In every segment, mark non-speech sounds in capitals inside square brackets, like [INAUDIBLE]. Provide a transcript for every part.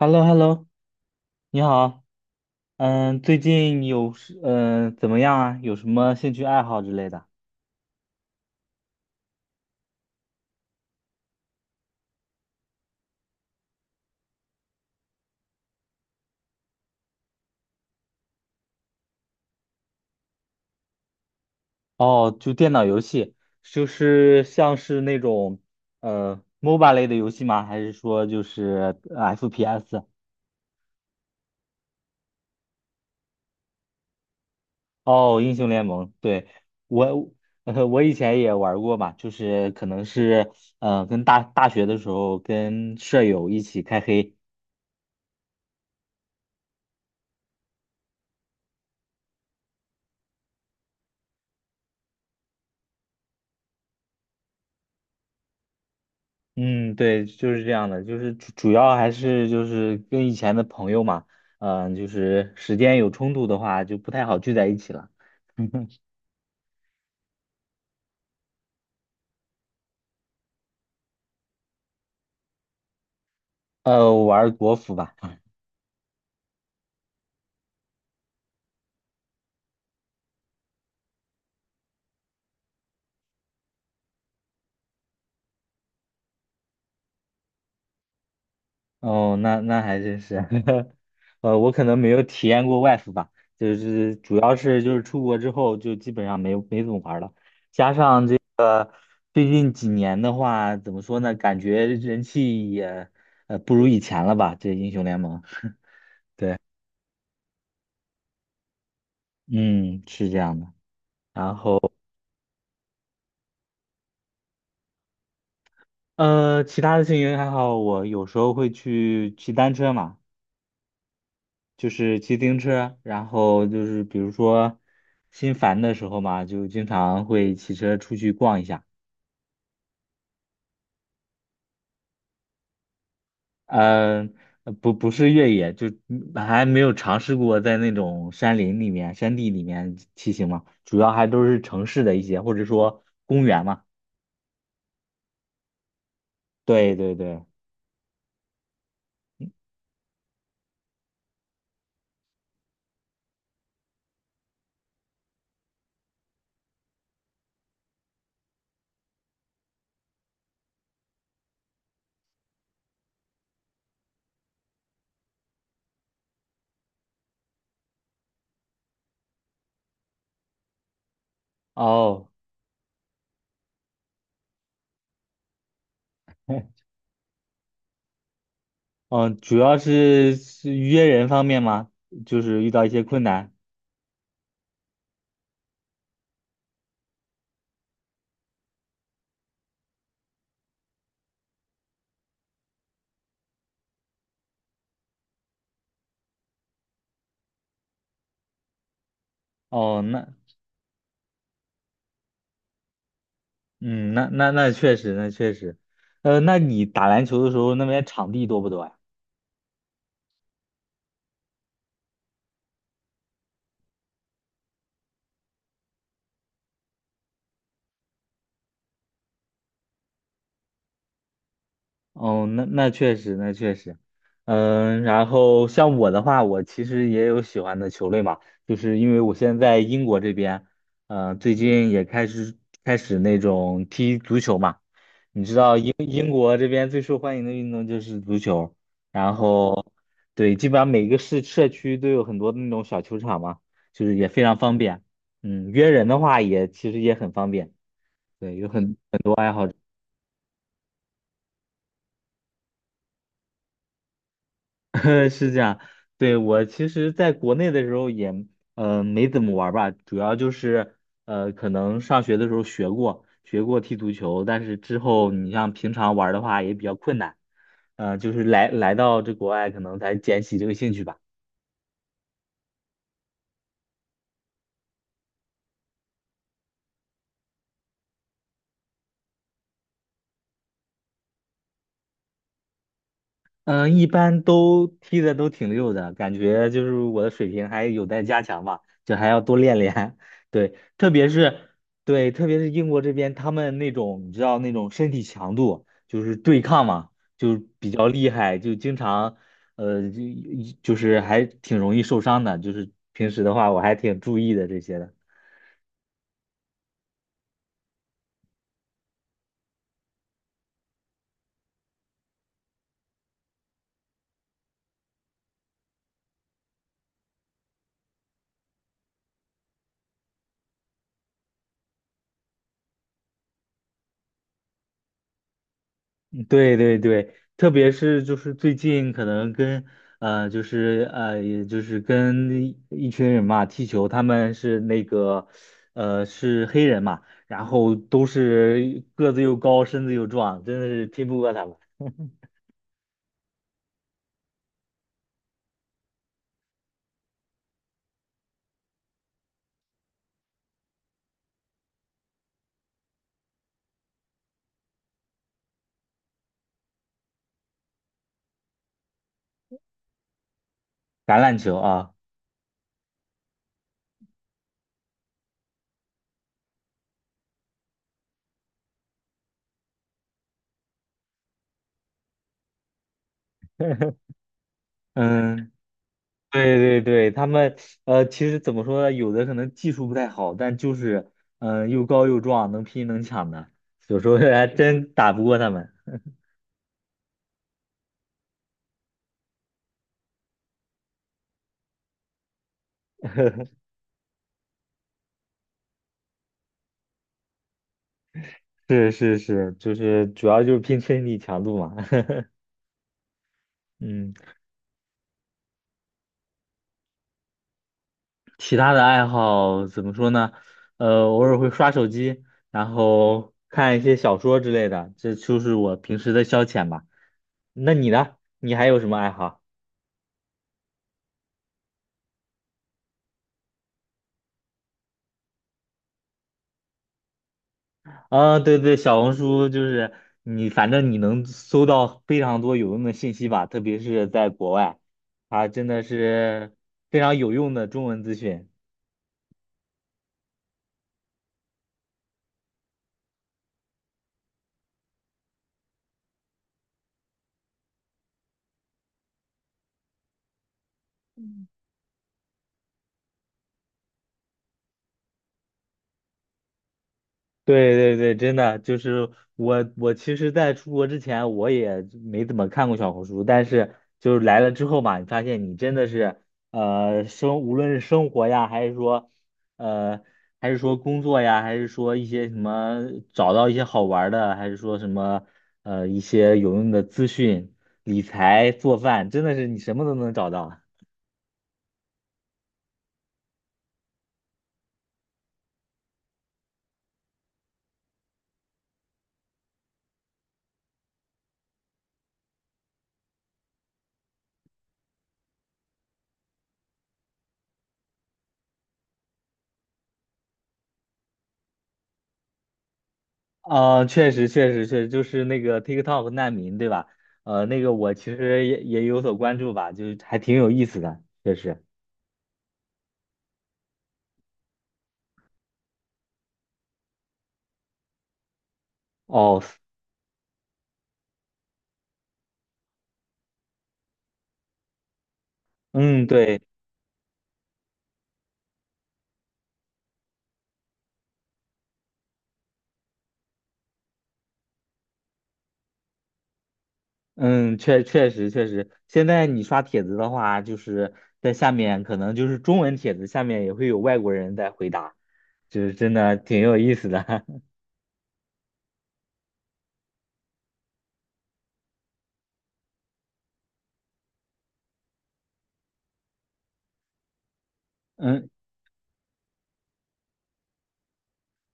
h e l l o h e l l o 你好，嗯，最近有是嗯、呃怎么样啊？有什么兴趣爱好之类的？哦，就电脑游戏，就是像是那种 MOBA 类的游戏吗？还是说就是 FPS？哦，英雄联盟，对，我 [LAUGHS] 我以前也玩过嘛，就是可能是呃跟大大学的时候跟舍友一起开黑。嗯，对，就是这样的，就是主要还是就是跟以前的朋友嘛，就是时间有冲突的话，就不太好聚在一起了。[LAUGHS] 我玩儿国服吧。哦，那那还真是。[LAUGHS] 我可能没有体验过外服吧，就是主要是就是出国之后就基本上没怎么玩儿了。最近几年的话，怎么说呢？感觉人气也不如以前了吧？这英雄联盟。[LAUGHS] 对，嗯，是这样的。然后。其他的兴趣还好，我有时候会去骑单车嘛，就是骑自行车，然后就是比如说心烦的时候嘛，就经常会骑车出去逛一下。呃，不是越野，还没有尝试过在那种山林里面、山地里面骑行嘛，主要还都是城市的一些，或者说公园嘛。对对对。哦。[LAUGHS] 嗯，主要是约人方面嘛，就是遇到一些困难。哦，那。嗯，那确实，那确实，那你打篮球的时候，那边场地多不多呀？哦，那那确实，那确实。嗯，然后像我的话，我其实也有喜欢的球类嘛，就是因为我现在在英国这边。最近也开始开始那种踢足球嘛，你知道英国这边最受欢迎的运动就是足球，然后对，基本上每个市社区都有很多那种小球场嘛，就是也非常方便。嗯，约人的话也其实也很方便。对，有很。很多爱好者。[LAUGHS] 是这样。对，我其实在国内的时候也，没怎么玩儿吧，主要就是，可能上学的时候学过，学过踢足球，但是之后你像平常玩儿的话也比较困难。就是来到这国外可能才捡起这个兴趣吧。嗯，一般都踢的都挺溜的，感觉就是我的水平还有待加强吧，就还要多练练。[LAUGHS] 对，特别是对，特别是英国这边，他们那种你知道那种身体强度，就是对抗嘛，就比较厉害，就经常呃就还挺容易受伤的。就是平时的话，我还挺注意的这些的。嗯对对对，特别是就是最近可能跟呃就是呃也就是跟一一群人嘛踢球，他们是黑人嘛，然后都是个子又高，身子又壮，真的是拼不过他们。橄榄球啊。嗯，对对对，他们其实怎么说呢，有的可能技术不太好，但就是又高又壮，能拼能抢的，有时候还真打不过他们。是是是，就是主要就是拼身体强度嘛。[LAUGHS] 嗯。其他的爱好怎么说呢？偶尔会刷手机，然后看一些小说之类的，这就是我平时的消遣吧。那你呢？你还有什么爱好？啊，对对，小红书就是你，反正你能搜到非常多有用的信息吧，特别是在国外，它真的是非常有用的中文资讯。对对对，真的就是我其实在出国之前我也没怎么看过小红书，但是就是来了之后嘛，你发现你真的是，无论是生活呀，还是说，呃，还是说工作呀，还是说一些什么找到一些好玩儿的，还是说什么，一些有用的资讯、理财、做饭，真的是你什么都能找到。啊，确实，确实，确实，就是那个 TikTok 难民，对吧？那个我其实也有所关注吧，就是还挺有意思的，确实。哦。嗯，对。嗯，确实确实，现在你刷帖子的话，就是在下面可能就是中文帖子下面也会有外国人在回答，就是真的挺有意思的。[LAUGHS] 嗯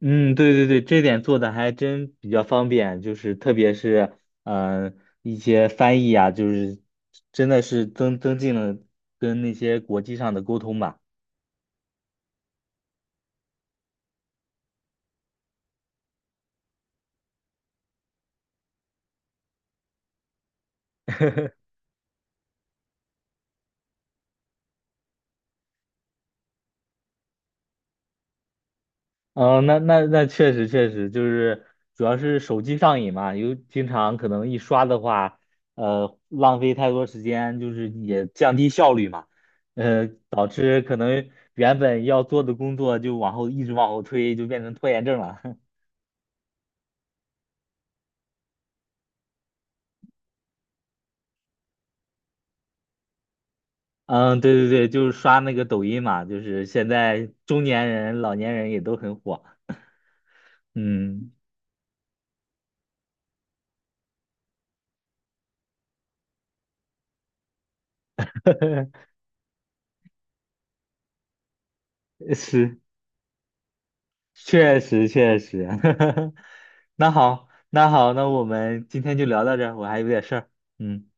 嗯，对对对，这点做的还真比较方便，就是特别是嗯、呃一些翻译啊，就是真的是增进了跟那些国际上的沟通吧。那确实确实，就是主要是手机上瘾嘛，有经常可能一刷的话，浪费太多时间，就是也降低效率嘛，导致可能原本要做的工作就往后一直往后推，就变成拖延症了。[LAUGHS] 嗯，对对对，就是刷那个抖音嘛，就是现在中年人、老年人也都很火。嗯。[LAUGHS] 是，确实确实。[LAUGHS] 那好，那好，那我们今天就聊到这儿，我还有点事儿。嗯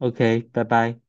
，OK，拜拜。